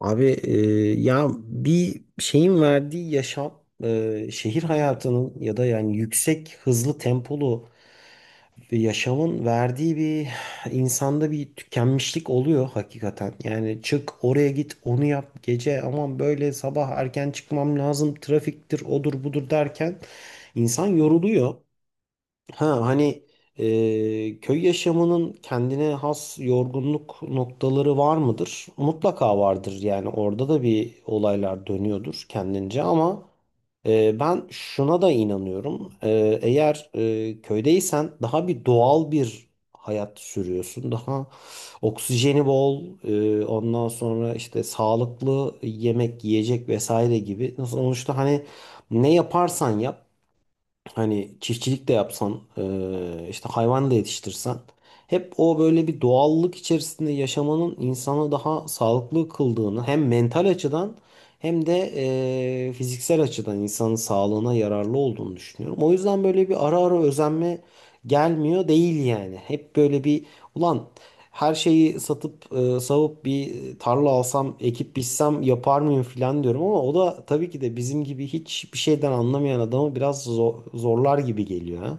Abi, ya bir şeyin verdiği yaşam, şehir hayatının ya da yani yüksek hızlı tempolu bir yaşamın verdiği bir insanda bir tükenmişlik oluyor hakikaten. Yani çık oraya, git onu yap, gece aman böyle sabah erken çıkmam lazım, trafiktir odur budur derken insan yoruluyor. Ha hani, köy yaşamının kendine has yorgunluk noktaları var mıdır? Mutlaka vardır yani, orada da bir olaylar dönüyordur kendince, ama ben şuna da inanıyorum. Eğer köydeysen daha bir doğal bir hayat sürüyorsun. Daha oksijeni bol, ondan sonra işte sağlıklı yemek, yiyecek vesaire gibi. Sonuçta hani ne yaparsan yap, hani çiftçilik de yapsan, işte hayvan da yetiştirsen, hep o böyle bir doğallık içerisinde yaşamanın insanı daha sağlıklı kıldığını, hem mental açıdan hem de fiziksel açıdan insanın sağlığına yararlı olduğunu düşünüyorum. O yüzden böyle bir ara ara özenme gelmiyor değil yani. Hep böyle bir ulan her şeyi satıp savup bir tarla alsam, ekip biçsem yapar mıyım filan diyorum, ama o da tabii ki de bizim gibi hiçbir şeyden anlamayan adamı biraz zorlar gibi geliyor ha.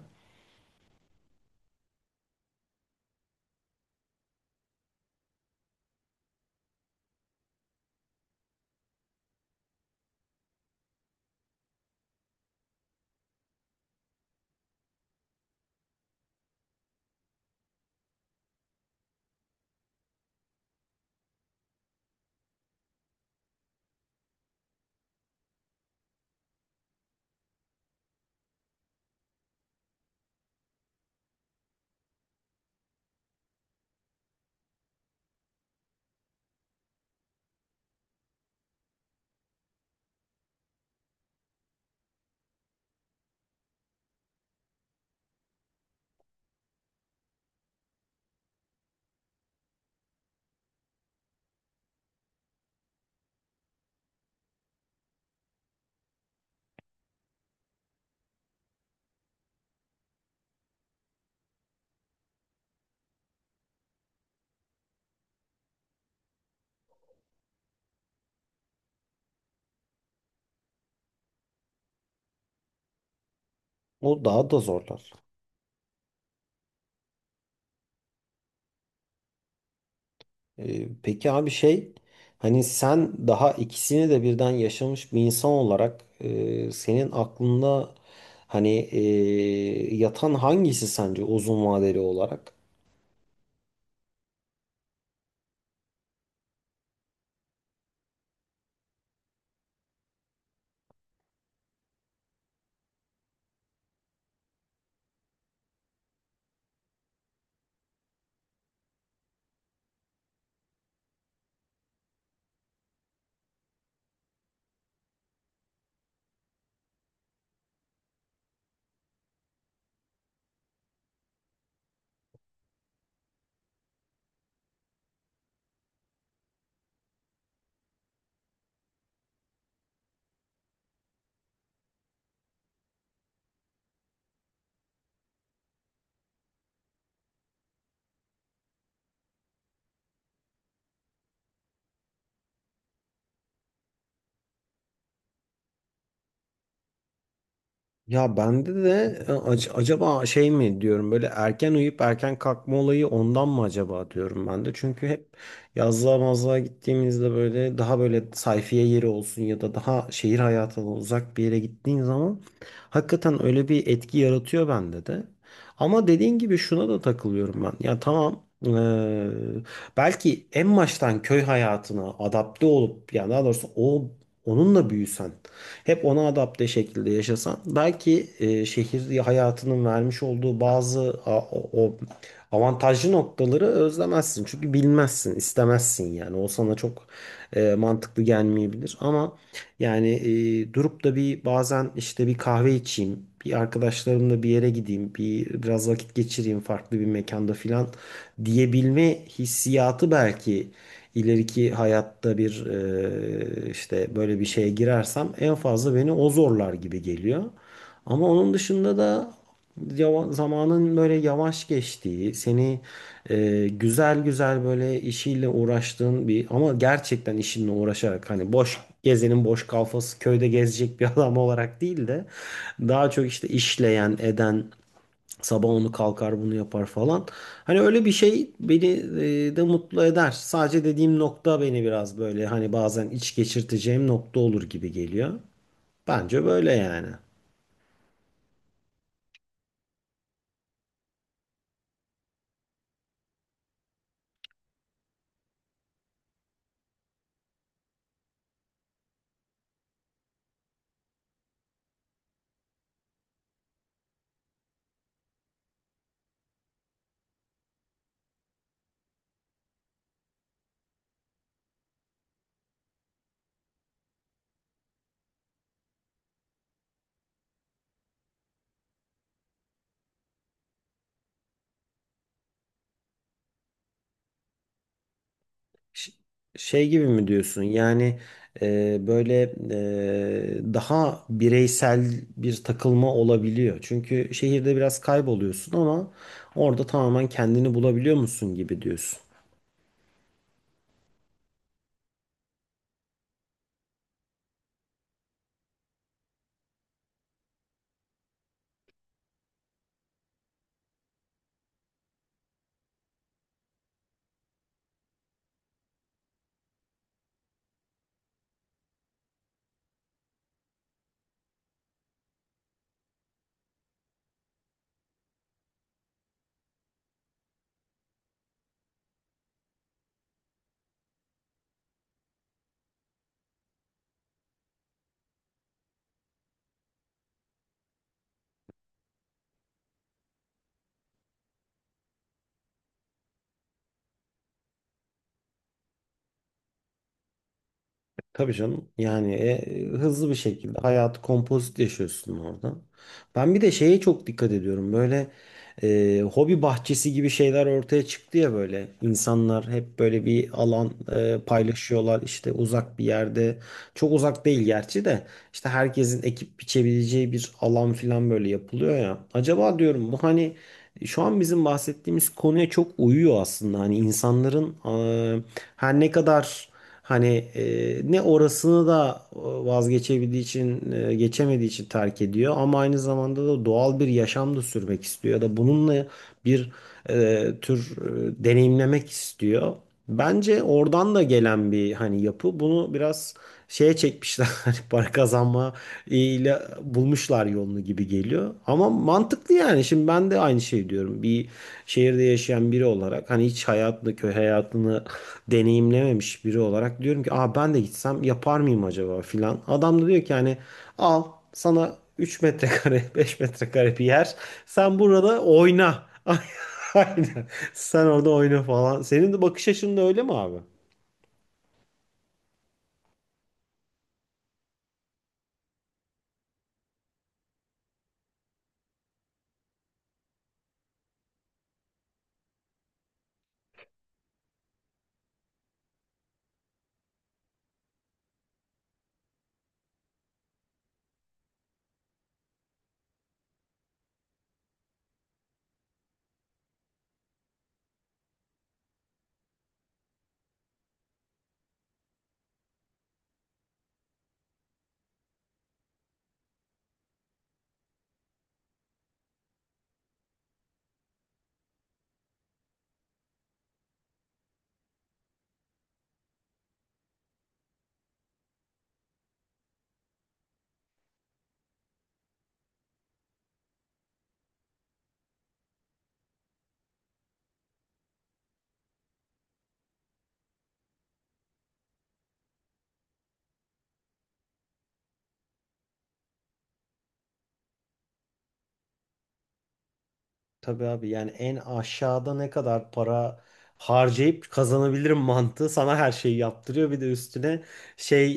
O daha da zorlar. Peki abi, şey, hani sen daha ikisini de birden yaşamış bir insan olarak, senin aklında hani yatan hangisi sence uzun vadeli olarak? Ya bende de, acaba şey mi diyorum, böyle erken uyuyup erken kalkma olayı ondan mı acaba diyorum ben de. Çünkü hep yazlığa mazlığa gittiğimizde, böyle daha böyle sayfiye yeri olsun ya da daha şehir hayatına uzak bir yere gittiğin zaman hakikaten öyle bir etki yaratıyor bende de. Ama dediğin gibi şuna da takılıyorum ben. Ya tamam, belki en baştan köy hayatına adapte olup, ya daha doğrusu o onunla büyüsen, hep ona adapte şekilde yaşasan, belki şehir hayatının vermiş olduğu bazı o avantajlı noktaları özlemezsin. Çünkü bilmezsin, istemezsin yani. O sana çok mantıklı gelmeyebilir, ama yani, durup da bir bazen işte bir kahve içeyim, bir arkadaşlarımla bir yere gideyim, bir biraz vakit geçireyim farklı bir mekanda filan diyebilme hissiyatı, belki ileriki hayatta bir işte böyle bir şeye girersem, en fazla beni o zorlar gibi geliyor. Ama onun dışında da zamanın böyle yavaş geçtiği, seni güzel güzel böyle işiyle uğraştığın bir, ama gerçekten işinle uğraşarak, hani boş gezenin boş kalfası köyde gezecek bir adam olarak değil de daha çok işte işleyen eden, sabah onu kalkar bunu yapar falan. Hani öyle bir şey beni de mutlu eder. Sadece dediğim nokta beni biraz böyle, hani bazen iç geçirteceğim nokta olur gibi geliyor. Bence böyle yani. Ş- Şey gibi mi diyorsun? Yani, böyle, daha bireysel bir takılma olabiliyor. Çünkü şehirde biraz kayboluyorsun, ama orada tamamen kendini bulabiliyor musun gibi diyorsun. Tabii canım, yani hızlı bir şekilde hayatı kompozit yaşıyorsun orada. Ben bir de şeye çok dikkat ediyorum, böyle hobi bahçesi gibi şeyler ortaya çıktı ya, böyle insanlar hep böyle bir alan paylaşıyorlar işte, uzak bir yerde, çok uzak değil gerçi de, işte herkesin ekip biçebileceği bir alan filan böyle yapılıyor ya. Acaba diyorum, bu hani şu an bizim bahsettiğimiz konuya çok uyuyor aslında, hani insanların e, her ne kadar hani e, ne orasını da vazgeçebildiği için, geçemediği için terk ediyor, ama aynı zamanda da doğal bir yaşam da sürmek istiyor ya da bununla bir tür deneyimlemek istiyor. Bence oradan da gelen bir hani yapı bunu biraz şeye çekmişler, hani para kazanma ile bulmuşlar yolunu gibi geliyor. Ama mantıklı yani, şimdi ben de aynı şey diyorum. Bir şehirde yaşayan biri olarak, hani hiç hayatını, köy hayatını deneyimlememiş biri olarak diyorum ki, aa, ben de gitsem yapar mıyım acaba filan. Adam da diyor ki, hani al sana 3 m², 5 m² bir yer, sen burada oyna. Aynen, sen orada oyna falan. Senin de bakış açın da öyle mi abi? Tabii abi, yani en aşağıda ne kadar para harcayıp kazanabilirim mantığı sana her şeyi yaptırıyor. Bir de üstüne şey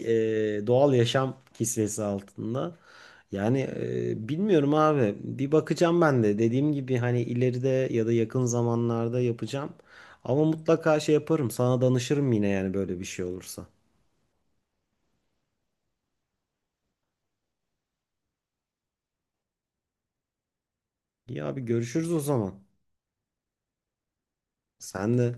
doğal yaşam kisvesi altında. Yani, bilmiyorum abi, bir bakacağım ben de, dediğim gibi hani ileride ya da yakın zamanlarda yapacağım. Ama mutlaka şey yaparım, sana danışırım yine yani, böyle bir şey olursa. İyi abi, görüşürüz o zaman. Sen de.